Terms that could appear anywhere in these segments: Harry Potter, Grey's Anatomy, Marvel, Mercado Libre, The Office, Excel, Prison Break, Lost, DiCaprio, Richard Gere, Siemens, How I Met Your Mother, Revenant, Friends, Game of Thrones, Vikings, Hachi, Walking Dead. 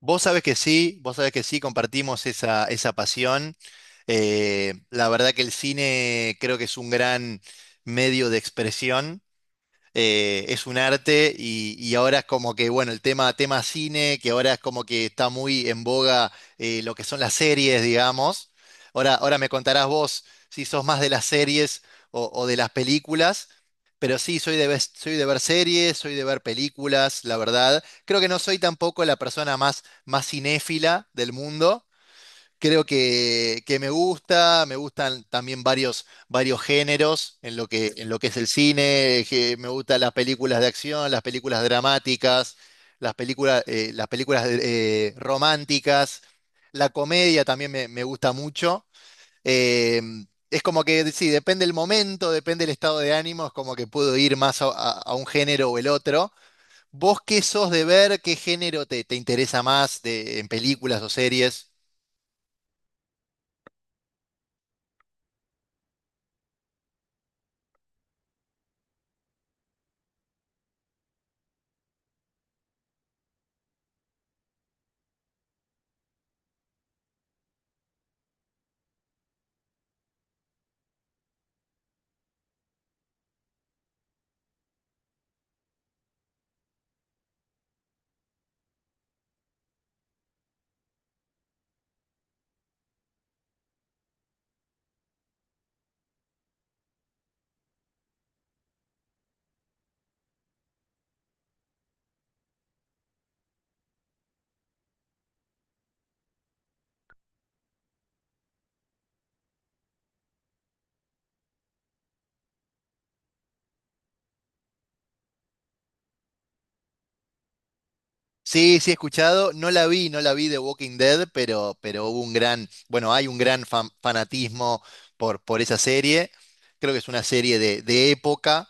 Vos sabés que sí, vos sabés que sí, compartimos esa pasión. La verdad que el cine creo que es un gran medio de expresión, es un arte y ahora es como que, bueno, el tema cine, que ahora es como que está muy en boga, lo que son las series, digamos. Ahora me contarás vos si sos más de las series o de las películas, pero sí, soy de, soy de ver series, soy de ver películas, la verdad. Creo que no soy tampoco la persona más cinéfila del mundo. Creo que me gusta, me gustan también varios géneros en lo que es el cine, que me gustan las películas de acción, las películas dramáticas, las películas románticas, la comedia también me gusta mucho. Eh, es como que, sí, depende el momento, depende el estado de ánimo, es como que puedo ir más a, a un género o el otro. ¿Vos qué sos de ver? ¿Qué género te, te interesa más de, en películas o series? Sí, sí he escuchado, no la vi, no la vi de Walking Dead, pero hubo un gran, bueno, hay un gran fanatismo por esa serie. Creo que es una serie de época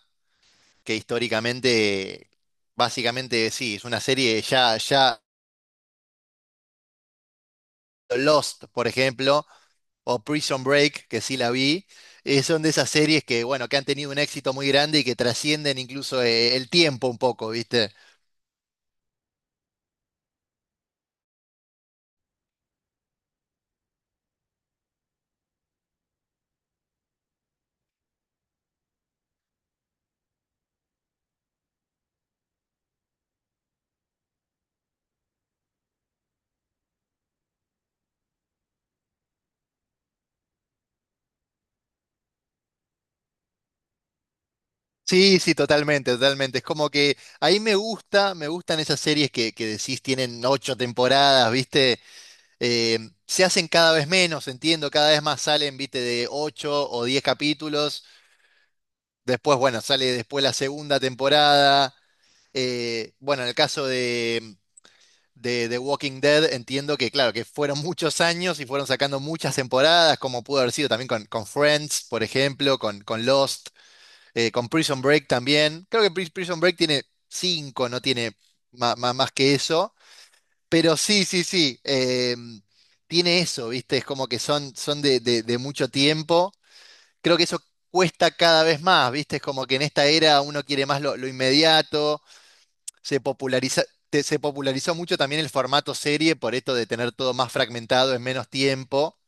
que históricamente, básicamente sí, es una serie ya, ya Lost, por ejemplo, o Prison Break, que sí la vi. Son de esas series que, bueno, que han tenido un éxito muy grande y que trascienden incluso, el tiempo un poco, ¿viste? Sí, sí, totalmente, totalmente. Es como que ahí me gusta, me gustan esas series que decís tienen ocho temporadas, ¿viste? Eh, Se hacen cada vez menos, entiendo, cada vez más salen, ¿viste? De ocho o diez capítulos. Después, bueno, sale después la segunda temporada. Bueno, en el caso de Walking Dead, entiendo que, claro, que fueron muchos años y fueron sacando muchas temporadas, como pudo haber sido también con Friends, por ejemplo, con Lost, con Prison Break también. Creo que Prison Break tiene cinco, no tiene más que eso. Pero sí, sí, sí. Tiene eso, ¿viste? Es como que son, son de, de mucho tiempo. Creo que eso cuesta cada vez más, ¿viste? Es como que en esta era uno quiere más lo inmediato. Se populariza, se popularizó mucho también el formato serie por esto de tener todo más fragmentado en menos tiempo,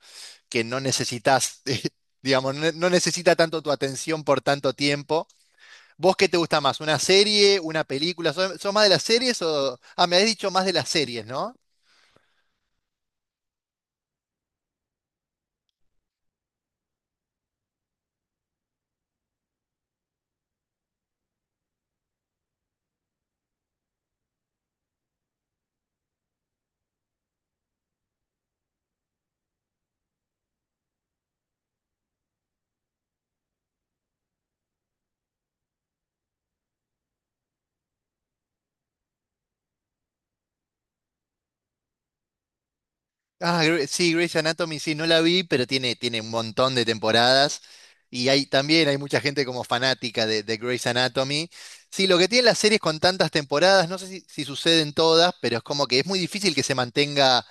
que no necesitas, digamos, no necesita tanto tu atención por tanto tiempo. ¿Vos qué te gusta más? ¿Una serie? ¿Una película? ¿Sos, sos más de las series o...? Ah, me habías dicho más de las series, ¿no? Ah, sí, Grey's Anatomy sí, no la vi, pero tiene, tiene un montón de temporadas. Y hay, también hay mucha gente como fanática de Grey's Anatomy. Sí, lo que tienen las series con tantas temporadas, no sé si, si suceden todas, pero es como que es muy difícil que se mantenga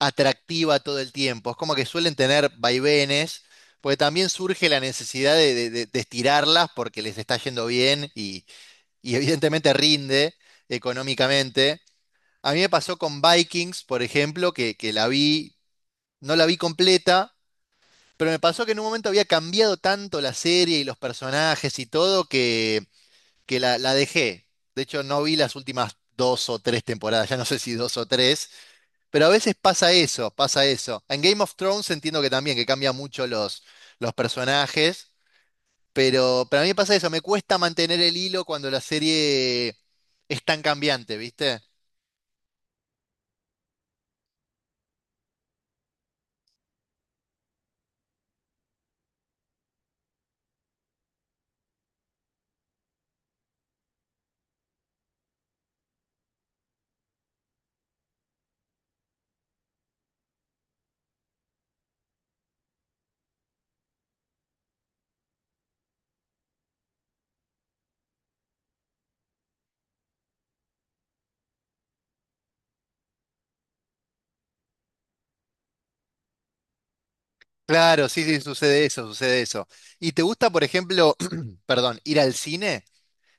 atractiva todo el tiempo. Es como que suelen tener vaivenes, porque también surge la necesidad de, de estirarlas porque les está yendo bien y evidentemente rinde económicamente. A mí me pasó con Vikings, por ejemplo, que la vi, no la vi completa, pero me pasó que en un momento había cambiado tanto la serie y los personajes y todo que la dejé. De hecho, no vi las últimas dos o tres temporadas, ya no sé si dos o tres, pero a veces pasa eso, pasa eso. En Game of Thrones entiendo que también, que cambia mucho los personajes, pero, para mí me pasa eso, me cuesta mantener el hilo cuando la serie es tan cambiante, ¿viste? Claro, sí, sí, sucede eso, sucede eso. ¿Y te gusta, por ejemplo, perdón, ir al cine?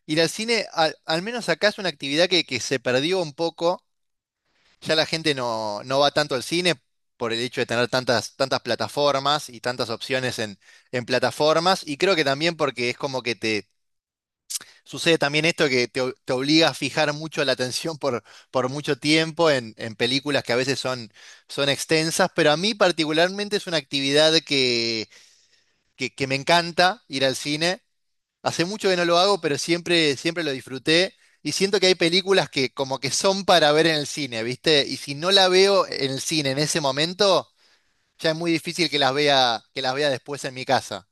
Ir al cine, al, al menos acá es una actividad que se perdió un poco. Ya la gente no, no va tanto al cine por el hecho de tener tantas, tantas plataformas y tantas opciones en plataformas. Y creo que también porque es como que sucede también esto que te, te obliga a fijar mucho la atención por mucho tiempo en películas que a veces son, son extensas, pero a mí particularmente es una actividad que me encanta ir al cine. Hace mucho que no lo hago, pero siempre, siempre lo disfruté y siento que hay películas que como que son para ver en el cine, ¿viste? Y si no la veo en el cine en ese momento, ya es muy difícil que las vea después en mi casa.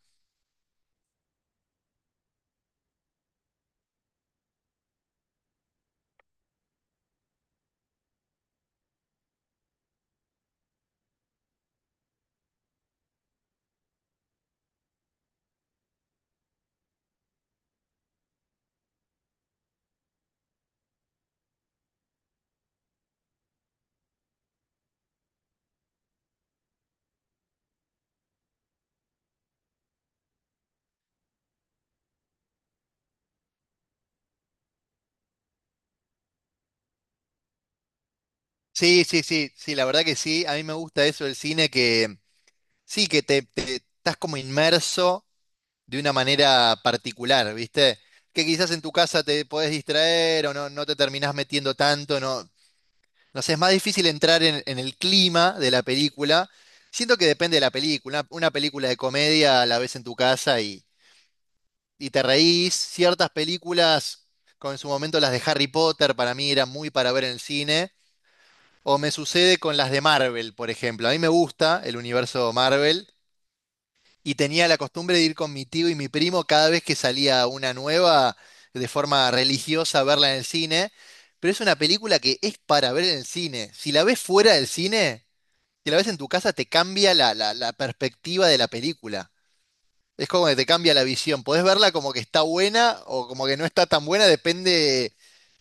Sí, sí, sí, sí, la verdad que sí, a mí me gusta eso del cine que sí, que te, estás como inmerso de una manera particular, ¿viste? Que quizás en tu casa te podés distraer o no, no te terminás metiendo tanto, no, no sé, es más difícil entrar en el clima de la película. Siento que depende de la película. Una película de comedia la ves en tu casa y te reís. Ciertas películas, como en su momento las de Harry Potter, para mí eran muy para ver en el cine. O me sucede con las de Marvel, por ejemplo. A mí me gusta el universo Marvel, y tenía la costumbre de ir con mi tío y mi primo cada vez que salía una nueva, de forma religiosa, a verla en el cine. Pero es una película que es para ver en el cine. Si la ves fuera del cine, si la ves en tu casa, te cambia la, la perspectiva de la película. Es como que te cambia la visión. Podés verla como que está buena o como que no está tan buena, depende,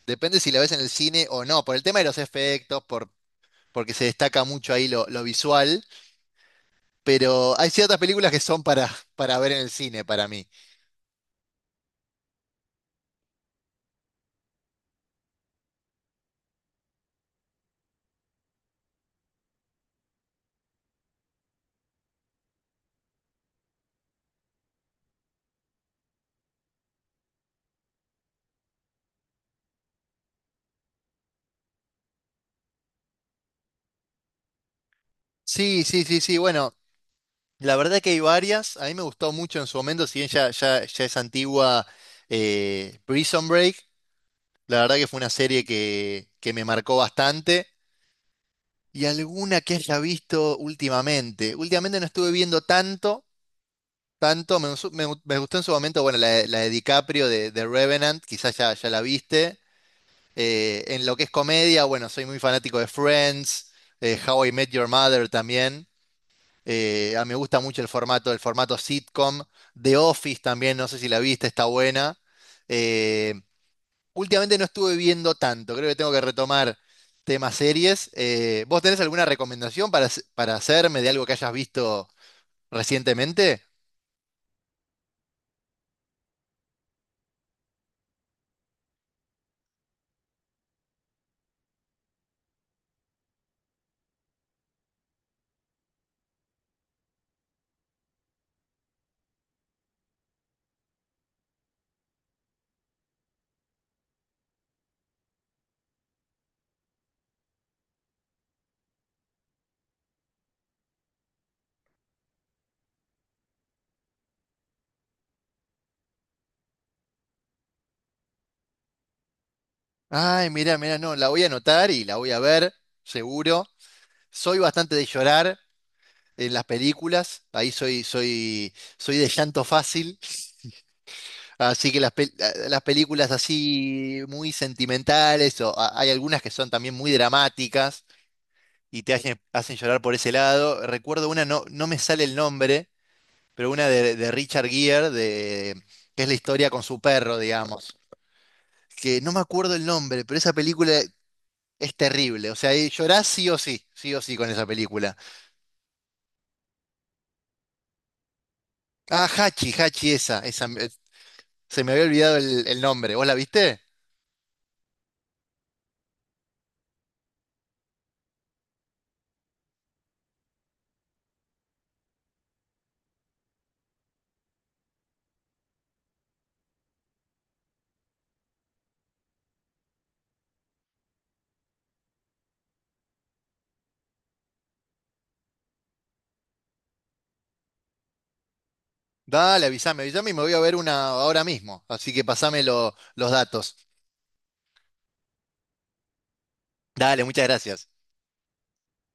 depende si la ves en el cine o no. Por el tema de los efectos, por, porque se destaca mucho ahí lo visual. Pero hay ciertas películas que son para ver en el cine, para mí. Sí, sí, sí, sí. Bueno, la verdad que hay varias. A mí me gustó mucho en su momento, si bien ya, ya, ya es antigua, Prison Break. La verdad que fue una serie que me marcó bastante. Y alguna que haya visto últimamente. Últimamente no estuve viendo tanto, tanto. Me, me, me gustó en su momento, bueno, la de DiCaprio de Revenant, quizás ya, ya la viste. En lo que es comedia, bueno, soy muy fanático de Friends, How I Met Your Mother también. Mí me gusta mucho el formato sitcom. The Office también, no sé si la viste, está buena. Eh, Últimamente no estuve viendo tanto, creo que tengo que retomar temas series. ¿Vos tenés alguna recomendación para, para hacerme de algo que hayas visto recientemente? Ay, mirá, mirá, no, la voy a anotar y la voy a ver, seguro. Soy bastante de llorar en las películas, ahí soy, soy, soy de llanto fácil. Así que las, ah, las películas así muy sentimentales, o hay algunas que son también muy dramáticas y te hacen, hacen llorar por ese lado. Recuerdo una, no, no me sale el nombre, pero una de Richard Gere, de, que es la historia con su perro, digamos. Que no me acuerdo el nombre, pero esa película es terrible. O sea, llorás sí o sí con esa película. Ah, Hachi, Hachi esa, esa, se me había olvidado el nombre. ¿Vos la viste? Dale, avísame, avísame y me voy a ver una ahora mismo. Así que pasame los datos. Dale, muchas gracias.